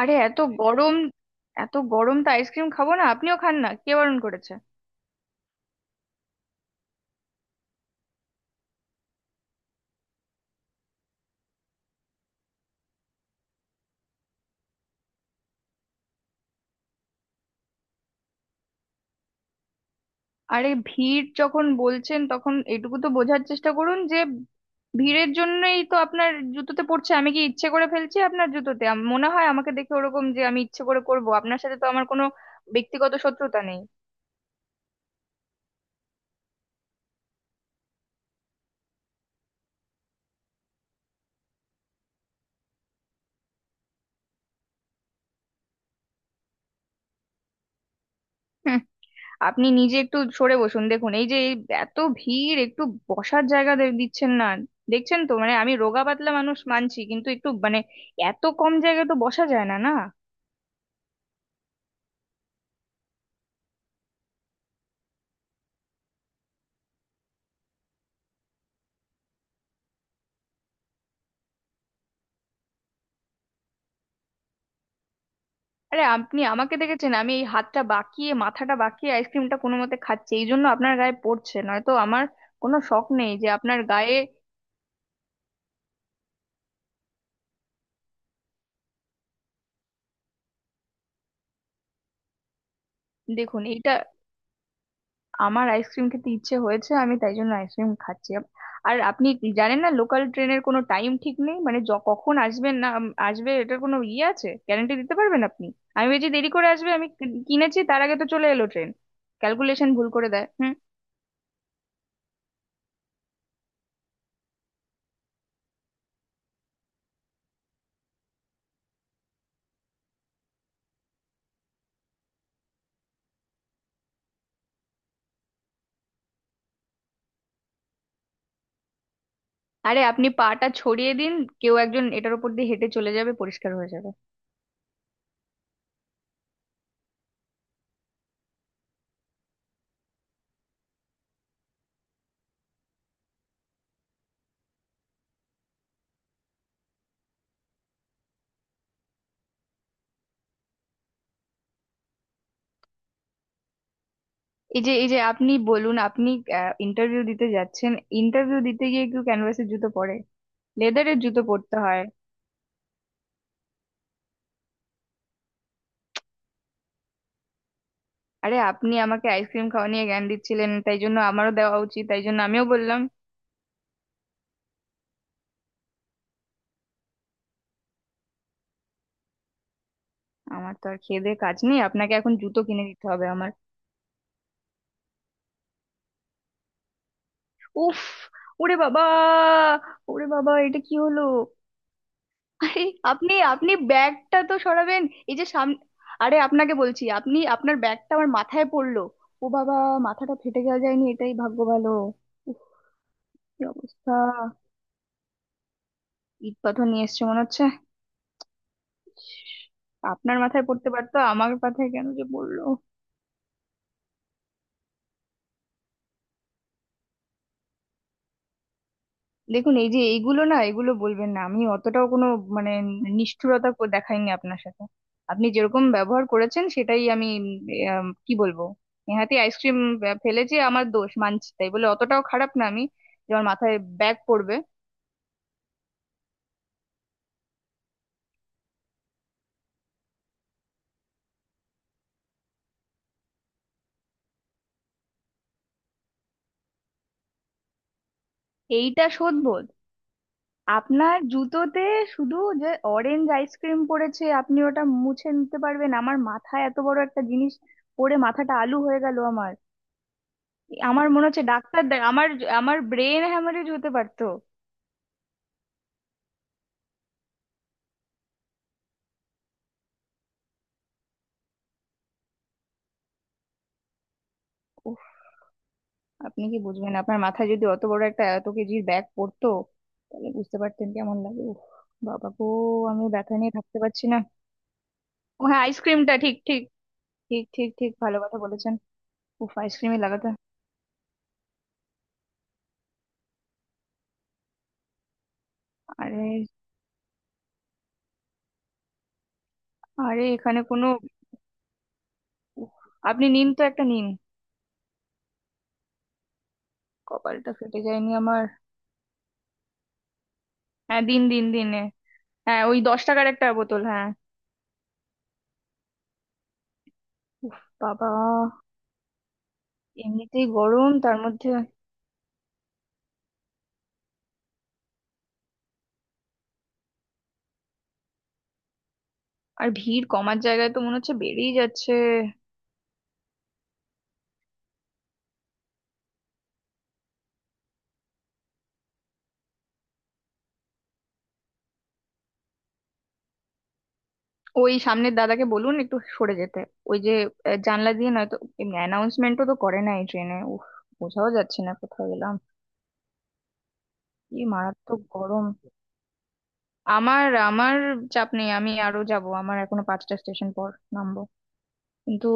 আরে এত গরম। এত গরম তো আইসক্রিম খাবো না। আপনিও খান না, কে বারণ করেছে? আরে ভিড় যখন বলছেন তখন এটুকু তো বোঝার চেষ্টা করুন যে ভিড়ের জন্যই তো আপনার জুতোতে পড়ছে। আমি কি ইচ্ছে করে ফেলছি আপনার জুতোতে? মনে হয় আমাকে দেখে ওরকম যে আমি ইচ্ছে করে করব? আপনার সাথে তো আমার কোনো ব্যক্তিগত শত্রুতা নেই। হুম, আপনি নিজে একটু সরে বসুন। দেখুন এই যে এই এত ভিড়, একটু বসার জায়গা দিচ্ছেন না। দেখছেন তো, মানে আমি রোগা পাতলা মানুষ মানছি, কিন্তু একটু মানে এত কম জায়গায় তো বসা যায় না, না? আরে আপনি আমাকে দেখেছেন, আমি এই হাতটা বাঁকিয়ে মাথাটা বাঁকিয়ে আইসক্রিমটা কোনো মতে খাচ্ছি, এই জন্য আপনার গায়ে পড়ছে, নয়তো আমার কোনো শখ নেই যে আপনার গায়ে। দেখুন এইটা, আমার আইসক্রিম খেতে ইচ্ছে হয়েছে, আমি তাই জন্য আইসক্রিম খাচ্ছি। আর আপনি কি জানেন না লোকাল ট্রেনের কোনো টাইম ঠিক নেই, মানে কখন আসবেন না আসবে এটার কোনো ইয়ে আছে? গ্যারান্টি দিতে পারবেন আপনি? আমি ভেবেছি দেরি করে আসবে, আমি কিনেছি, তার আগে তো চলে এলো ট্রেন। ক্যালকুলেশন ভুল করে দেয়। হুম। আরে আপনি পাটা ছড়িয়ে দিন, কেউ একজন এটার উপর দিয়ে হেঁটে চলে যাবে, পরিষ্কার হয়ে যাবে। এই যে আপনি বলুন, আপনি ইন্টারভিউ দিতে যাচ্ছেন। ইন্টারভিউ দিতে গিয়ে কেউ ক্যানভাসের জুতো পরে? লেদারের জুতো পরতে হয়। আরে আপনি আমাকে আইসক্রিম খাওয়া নিয়ে জ্ঞান দিচ্ছিলেন, তাই জন্য আমারও দেওয়া উচিত, তাই জন্য আমিও বললাম। আমার তো আর খেয়ে দেয়ে কাজ নেই, আপনাকে এখন জুতো কিনে দিতে হবে আমার? উফ। ওরে বাবা। ওরে বাবা, এটা কি হলো? আরে আপনি আপনি ব্যাগটা তো সরাবেন, এই যে সামনে। আরে আপনাকে বলছি, আপনি আপনার ব্যাগটা আমার মাথায় পড়লো। ও বাবা, মাথাটা ফেটে গেল। যায়নি, এটাই ভাগ্য ভালো। কি অবস্থা, ইট পাথর নিয়ে এসছে মনে হচ্ছে। আপনার মাথায় পড়তে পারতো, আমার মাথায় কেন যে পড়লো। দেখুন এই যে এইগুলো না, এগুলো বলবেন না, আমি অতটাও কোনো মানে নিষ্ঠুরতা দেখাইনি আপনার সাথে। আপনি যেরকম ব্যবহার করেছেন সেটাই আমি। কি বলবো, নেহাতি আইসক্রিম ফেলেছি, আমার দোষ মানছি, তাই বলে অতটাও খারাপ না আমি, যে আমার মাথায় ব্যাগ পড়বে। এইটা শোধবো? আপনার জুতোতে শুধু যে অরেঞ্জ আইসক্রিম পড়েছে, আপনি ওটা মুছে নিতে পারবেন। আমার মাথায় এত বড় একটা জিনিস পড়ে মাথাটা আলু হয়ে গেল আমার। আমার মনে হচ্ছে ডাক্তার আমার আমার ব্রেন হ্যামারেজ হতে পারতো। উফ। আপনি কি বুঝবেন? আপনার মাথায় যদি অত বড় একটা এত কেজির ব্যাগ পড়তো, তাহলে বুঝতে পারতেন কেমন লাগে। উফ বাবা গো, আমি ব্যথা নিয়ে থাকতে পারছি না। ও হ্যাঁ, আইসক্রিমটা ঠিক ঠিক ঠিক ঠিক ঠিক, ভালো কথা বলেছেন। উফ, আইসক্রিমে লাগাতে। আরে আরে, এখানে কোনো। উফ, আপনি নিন তো, একটা নিন। কপালটা ফেটে যায়নি আমার। হ্যাঁ দিন দিন দিনে। হ্যাঁ ওই 10 টাকার একটা বোতল, হ্যাঁ। উফ বাবা, এমনিতেই গরম তার মধ্যে। আর ভিড় কমার জায়গায় তো মনে হচ্ছে বেড়েই যাচ্ছে। ওই সামনের দাদাকে বলুন একটু সরে যেতে, ওই যে, জানলা দিয়ে নয়তো। এমনি অ্যানাউন্সমেন্টও তো করে না এই ট্রেনে, উফ। বোঝাও যাচ্ছে না কোথাও এলাম। কি মারাত্মক গরম। আমার আমার চাপ নেই, আমি আরো যাব, আমার এখনো 5টা স্টেশন পর নামবো। কিন্তু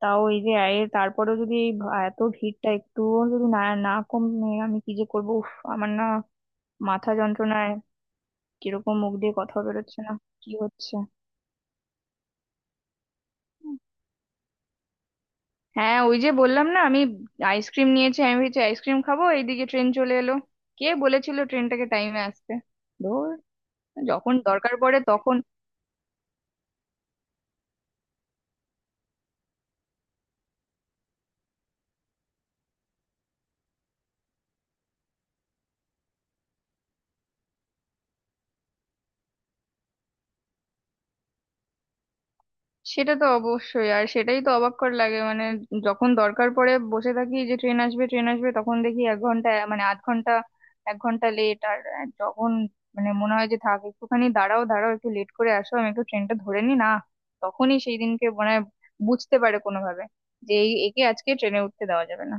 তাও এই যে, এর তারপরেও যদি এই এত ভিড়টা একটুও যদি না না কমে, আমি কি যে করবো, উফ। আমার না মাথা যন্ত্রণায় কিরকম মুখ দিয়ে কথা বেরোচ্ছে না, কি হচ্ছে। হ্যাঁ ওই যে বললাম না আমি, আইসক্রিম নিয়েছি, আমি ভেবেছি আইসক্রিম খাবো, এইদিকে ট্রেন চলে এলো। কে বলেছিল ট্রেনটাকে টাইমে আসতে, ধুর, যখন দরকার পড়ে তখন। সেটা তো অবশ্যই, আর সেটাই তো অবাককর লাগে মানে, যখন দরকার পড়ে বসে থাকি যে ট্রেন আসবে ট্রেন আসবে, তখন দেখি 1 ঘন্টা, মানে আধ ঘন্টা, 1 ঘন্টা লেট। আর যখন মানে মনে হয় যে থাক একটুখানি, দাঁড়াও দাঁড়াও একটু লেট করে আসো, আমি একটু ট্রেনটা ধরে নি না, তখনই সেই দিনকে মনে হয় বুঝতে পারে কোনোভাবে যে এই একে আজকে ট্রেনে উঠতে দেওয়া যাবে না।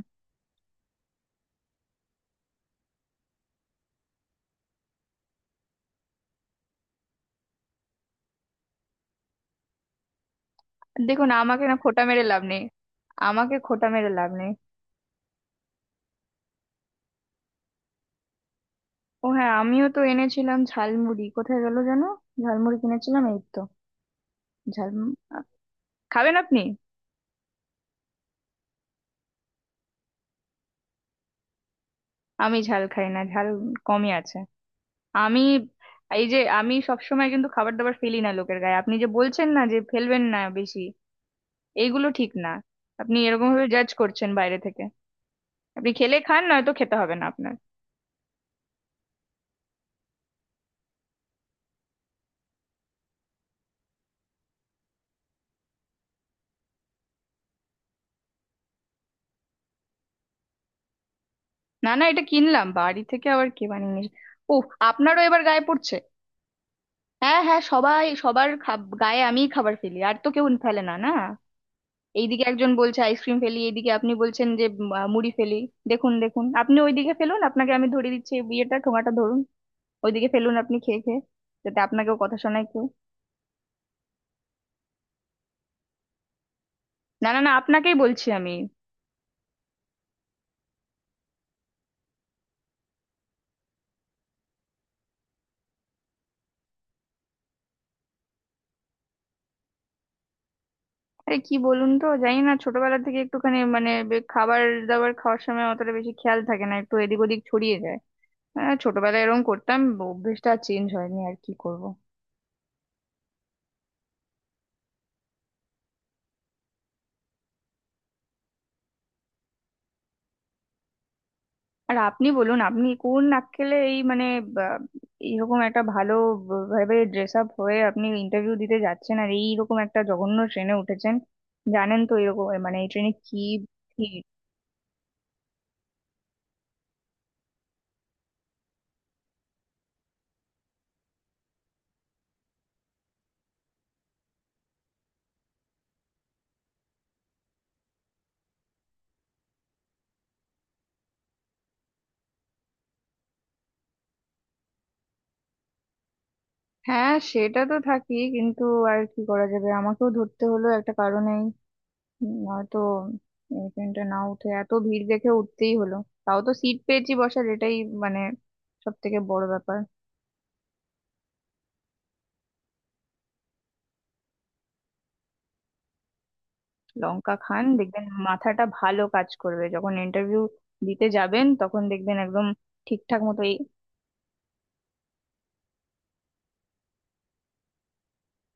দেখুন আমাকে না খোটা মেরে লাভ নেই, আমাকে খোটা মেরে লাভ নেই। ও হ্যাঁ, আমিও তো এনেছিলাম ঝালমুড়ি, কোথায় গেল জানো। ঝালমুড়ি কিনেছিলাম এই তো। ঝাল খাবেন আপনি? আমি ঝাল খাই না, ঝাল কমই আছে। আমি এই যে, আমি সবসময় কিন্তু খাবার দাবার ফেলি না লোকের গায়ে। আপনি যে বলছেন না যে ফেলবেন না বেশি, এইগুলো ঠিক না। আপনি এরকম ভাবে জাজ করছেন বাইরে থেকে। আপনি খেলে খান, নয়তো খেতে হবে না আপনার। না না, এটা কিনলাম, বাড়ি থেকে আবার কে বানিয়ে নিয়ে। ও, আপনারও এবার গায়ে পড়ছে। হ্যাঁ হ্যাঁ, সবাই সবার গায়ে, আমিই খাবার ফেলি, আর তো কেউ ফেলে না, না? এইদিকে একজন বলছে আইসক্রিম ফেলি, এইদিকে আপনি বলছেন যে মুড়ি ফেলি। দেখুন দেখুন, আপনি ওইদিকে ফেলুন, আপনাকে আমি ধরিয়ে দিচ্ছি, এই বিয়েটা ঠোঙাটা ধরুন, ওইদিকে ফেলুন আপনি খেয়ে খেয়ে, যাতে আপনাকেও কথা শোনায় কেউ। না না না, আপনাকেই বলছি আমি। আরে কি বলুন তো, জানি না, ছোটবেলা থেকে একটুখানি মানে খাবার দাবার খাওয়ার সময় অতটা বেশি খেয়াল থাকে না, একটু এদিক ওদিক ছড়িয়ে যায়। হ্যাঁ ছোটবেলায় এরকম করতাম, অভ্যেসটা চেঞ্জ হয়নি, আর কি করব। আর আপনি বলুন, আপনি কোন নাক্কেলে এই মানে বা, এইরকম একটা ভালো ভাবে ড্রেস আপ হয়ে আপনি ইন্টারভিউ দিতে যাচ্ছেন, আর এইরকম একটা জঘন্য ট্রেনে উঠেছেন। জানেন তো এরকম মানে এই ট্রেনে কি ভিড়। হ্যাঁ সেটা তো থাকি কিন্তু, আর কি করা যাবে, আমাকেও ধরতে হলো একটা কারণেই। নয়তো এই ট্রেনটা না উঠে এত ভিড় দেখে উঠতেই হলো। তাও তো সিট পেয়েছি বসার, এটাই মানে সব থেকে বড় ব্যাপার। লঙ্কা খান, দেখবেন মাথাটা ভালো কাজ করবে, যখন ইন্টারভিউ দিতে যাবেন তখন দেখবেন একদম ঠিকঠাক মতো। এই,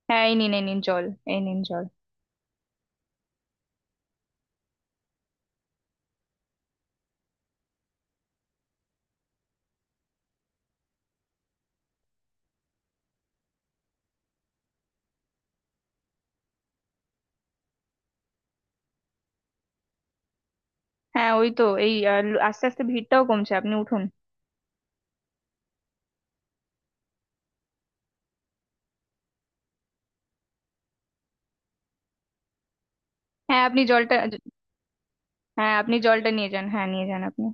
হ্যাঁ এই নিন এই নিন জল। এই নিন জল। হ্যাঁ ওই তো এই আস্তে আস্তে ভিড়টাও কমছে, আপনি উঠুন। হ্যাঁ আপনি জলটা। হ্যাঁ আপনি জলটা নিয়ে যান, হ্যাঁ নিয়ে যান আপনি।